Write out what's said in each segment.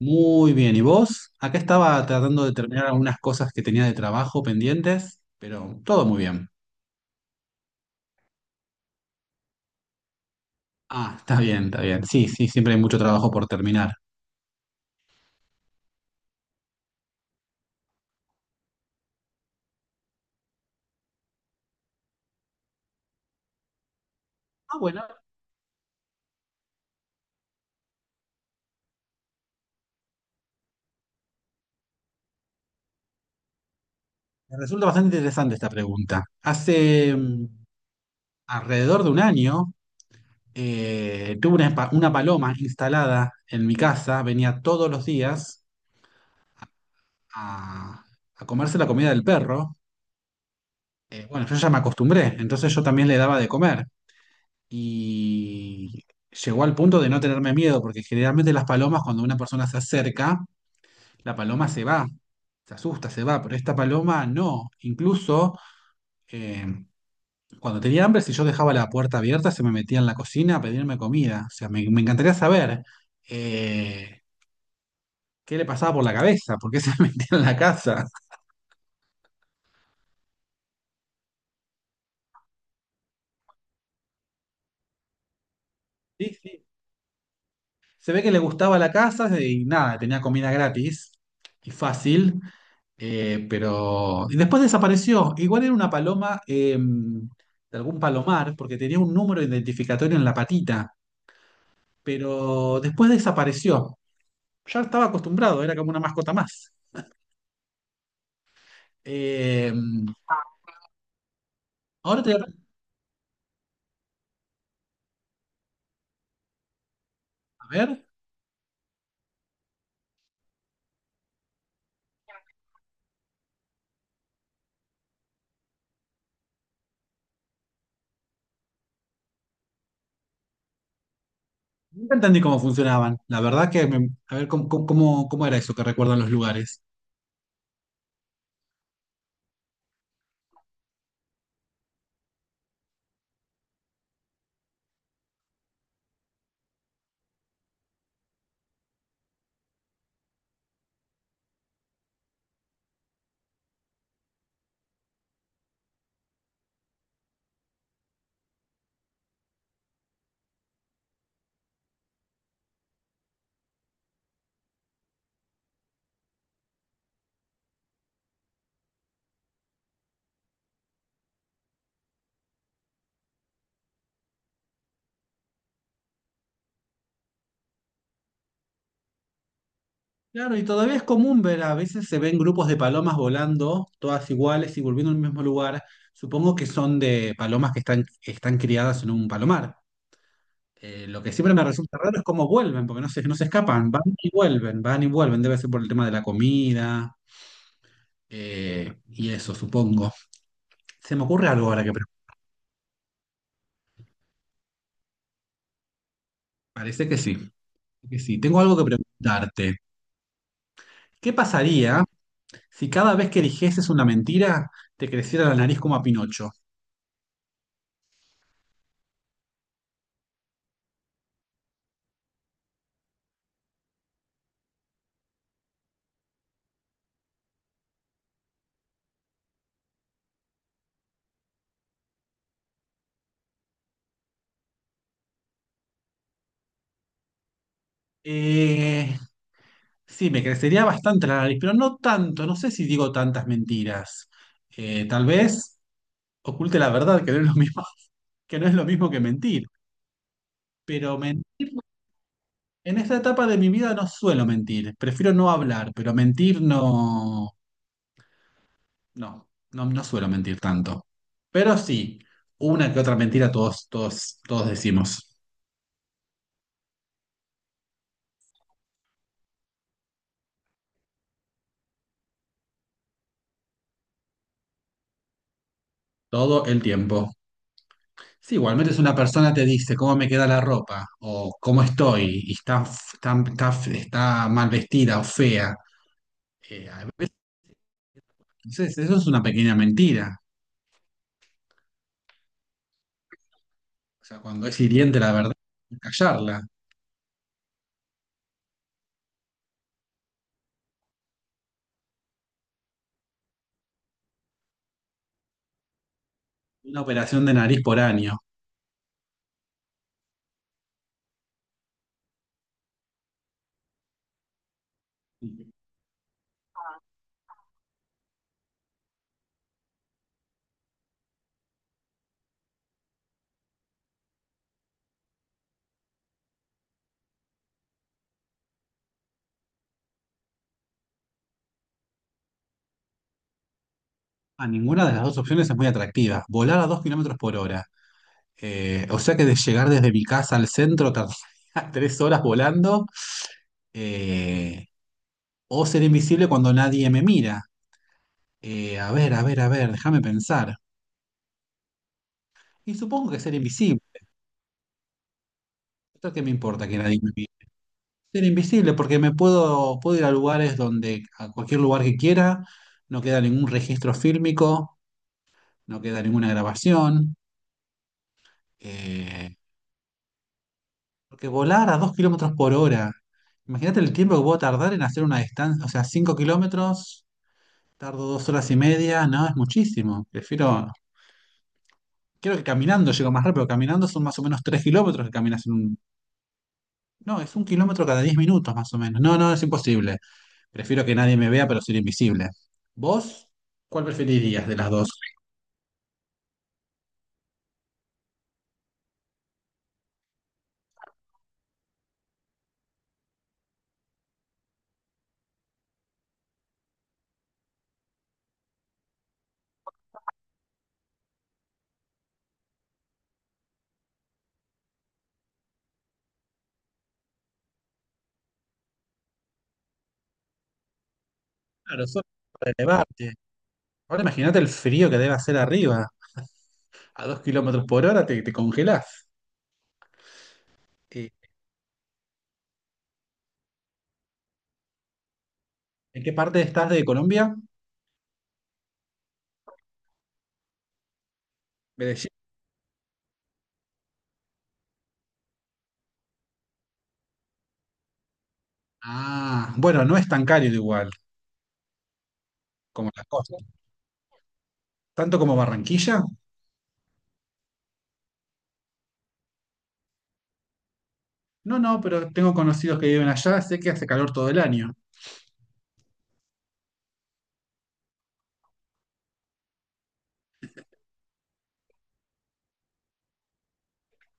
Muy bien, ¿y vos? Acá estaba tratando de terminar algunas cosas que tenía de trabajo pendientes, pero todo muy bien. Ah, está bien, está bien. Sí, sí, siempre hay mucho trabajo por terminar. Ah, bueno, me resulta bastante interesante esta pregunta. Hace alrededor de un año tuve una paloma instalada en mi casa, venía todos los días a, a comerse la comida del perro. Bueno, yo ya me acostumbré, entonces yo también le daba de comer. Y llegó al punto de no tenerme miedo, porque generalmente las palomas, cuando una persona se acerca, la paloma se va, se asusta, se va, pero esta paloma no. Incluso eh, cuando tenía hambre, si yo dejaba la puerta abierta, se me metía en la cocina a pedirme comida. O sea, me encantaría saber eh, qué le pasaba por la cabeza, por qué se metía en la casa. Sí, sí. Se ve que le gustaba la casa y nada, tenía comida gratis y fácil. Pero y después desapareció. Igual era una paloma de algún palomar, porque tenía un número identificatorio en la patita, pero después desapareció. Ya estaba acostumbrado, era como una mascota más. Eh, ahora te voy a ver, nunca entendí cómo funcionaban. La verdad que, a ver, ¿cómo, cómo, cómo era eso que recuerdan los lugares? Claro, y todavía es común ver, a veces se ven grupos de palomas volando, todas iguales y volviendo al mismo lugar. Supongo que son de palomas que están criadas en un palomar. Lo que siempre me resulta raro es cómo vuelven, porque no se escapan, van y vuelven, van y vuelven. Debe ser por el tema de la comida y eso, supongo. Se me ocurre algo ahora que preguntar. Parece que sí, que sí. Tengo algo que preguntarte. ¿Qué pasaría si cada vez que dijeses una mentira te creciera la nariz como a Pinocho? Eh, Sí, me crecería bastante la nariz, pero no tanto, no sé si digo tantas mentiras. Tal vez oculte la verdad, que no es lo mismo, que no es lo mismo que mentir. Pero en esta etapa de mi vida no suelo mentir, prefiero no hablar, pero mentir no, no suelo mentir tanto. Pero sí, una que otra mentira todos decimos, todo el tiempo. Sí, igualmente es una persona te dice cómo me queda la ropa o cómo estoy y está, está mal vestida o fea. A veces, entonces, eso es una pequeña mentira. O sea, cuando es hiriente la verdad, hay que callarla. Una operación de nariz por año. A ninguna de las dos opciones es muy atractiva. Volar a 2 kilómetros por hora. O sea que de llegar desde mi casa al centro tardaría 3 horas volando. eh, o ser invisible cuando nadie me mira. A ver, a ver, a ver, déjame pensar. Y supongo que ser invisible. ¿Esto qué me importa que nadie me mire? Ser invisible porque puedo ir a lugares donde, a cualquier lugar que quiera, no queda ningún registro fílmico, no queda ninguna grabación. eh, porque volar a 2 kilómetros por hora, imagínate el tiempo que puedo tardar en hacer una distancia, o sea, 5 kilómetros, tardo 2 horas y media, no, es muchísimo. Prefiero, creo que caminando llego más rápido, caminando son más o menos 3 kilómetros que caminas en un no, es un kilómetro cada 10 minutos más o menos. No, no, es imposible. Prefiero que nadie me vea, pero ser invisible. ¿Vos? ¿Cuál preferirías de las dos? Claro, solo para elevarte. Ahora imagínate el frío que debe hacer arriba. A dos kilómetros por hora te congelás. Eh, ¿En qué parte estás de Colombia? Medellín. Ah, bueno, no es tan cálido igual como la costa. ¿Tanto como Barranquilla? No, no, pero tengo conocidos que viven allá, sé que hace calor todo el año.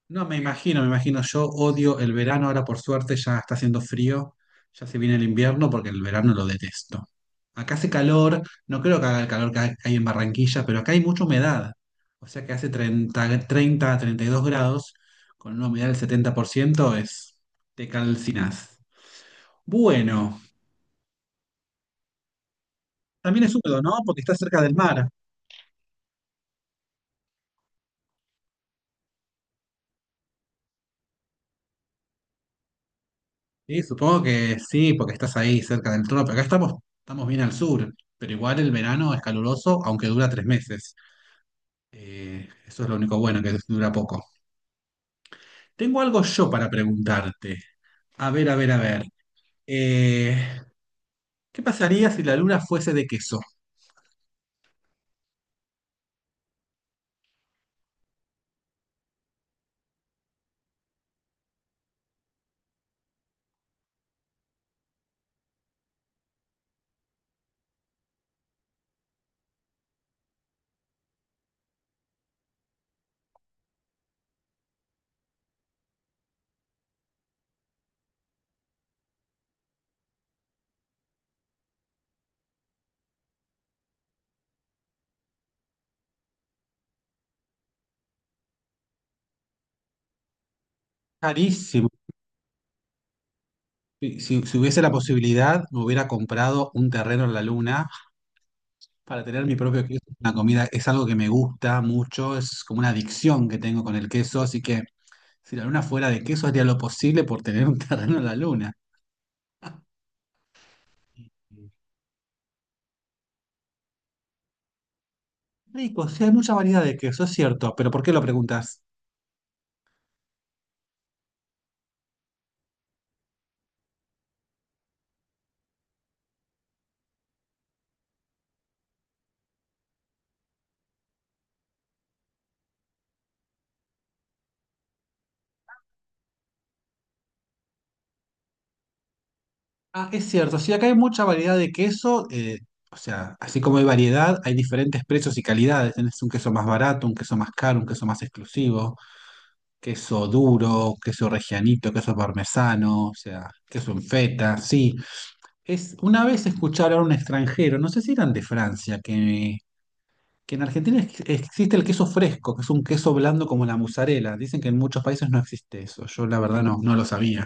No, me imagino, me imagino. Yo odio el verano, ahora por suerte ya está haciendo frío, ya se viene el invierno porque el verano lo detesto. Acá hace calor, no creo que haga el calor que hay en Barranquilla, pero acá hay mucha humedad. O sea que hace 32 grados, con una humedad del 70% es, te calcinas. Bueno, también es húmedo, ¿no? Porque está cerca del mar. Sí, supongo que sí, porque estás ahí cerca del trono. Pero acá estamos, estamos bien al sur, pero igual el verano es caluroso, aunque dura tres meses. Eso es lo único bueno, que dura poco. Tengo algo yo para preguntarte. A ver, a ver, a ver. Eh, ¿Qué pasaría si la luna fuese de queso? Carísimo. Si hubiese la posibilidad, me hubiera comprado un terreno en la luna para tener mi propio queso. Es una comida es algo que me gusta mucho, es como una adicción que tengo con el queso, así que si la luna fuera de queso, haría lo posible por tener un terreno en la luna. Rico, sí hay mucha variedad de queso, es cierto, pero ¿por qué lo preguntas? Ah, es cierto, sí, acá hay mucha variedad de queso, o sea, así como hay variedad, hay diferentes precios y calidades. Tenés un queso más barato, un queso más caro, un queso más exclusivo, queso duro, queso regianito, queso parmesano, o sea, queso en feta, sí. Es, una vez escucharon a un extranjero, no sé si eran de Francia, que en Argentina existe el queso fresco, que es un queso blando como la mozzarella. Dicen que en muchos países no existe eso, yo la verdad no, no lo sabía.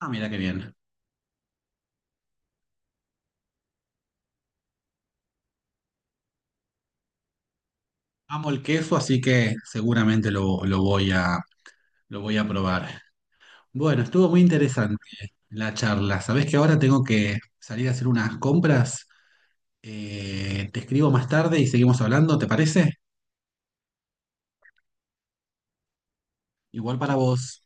Ah, mira qué bien. Amo el queso, así que seguramente lo voy lo voy a probar. Bueno, estuvo muy interesante la charla. Sabés que ahora tengo que salir a hacer unas compras. Te escribo más tarde y seguimos hablando, ¿te parece? Igual para vos.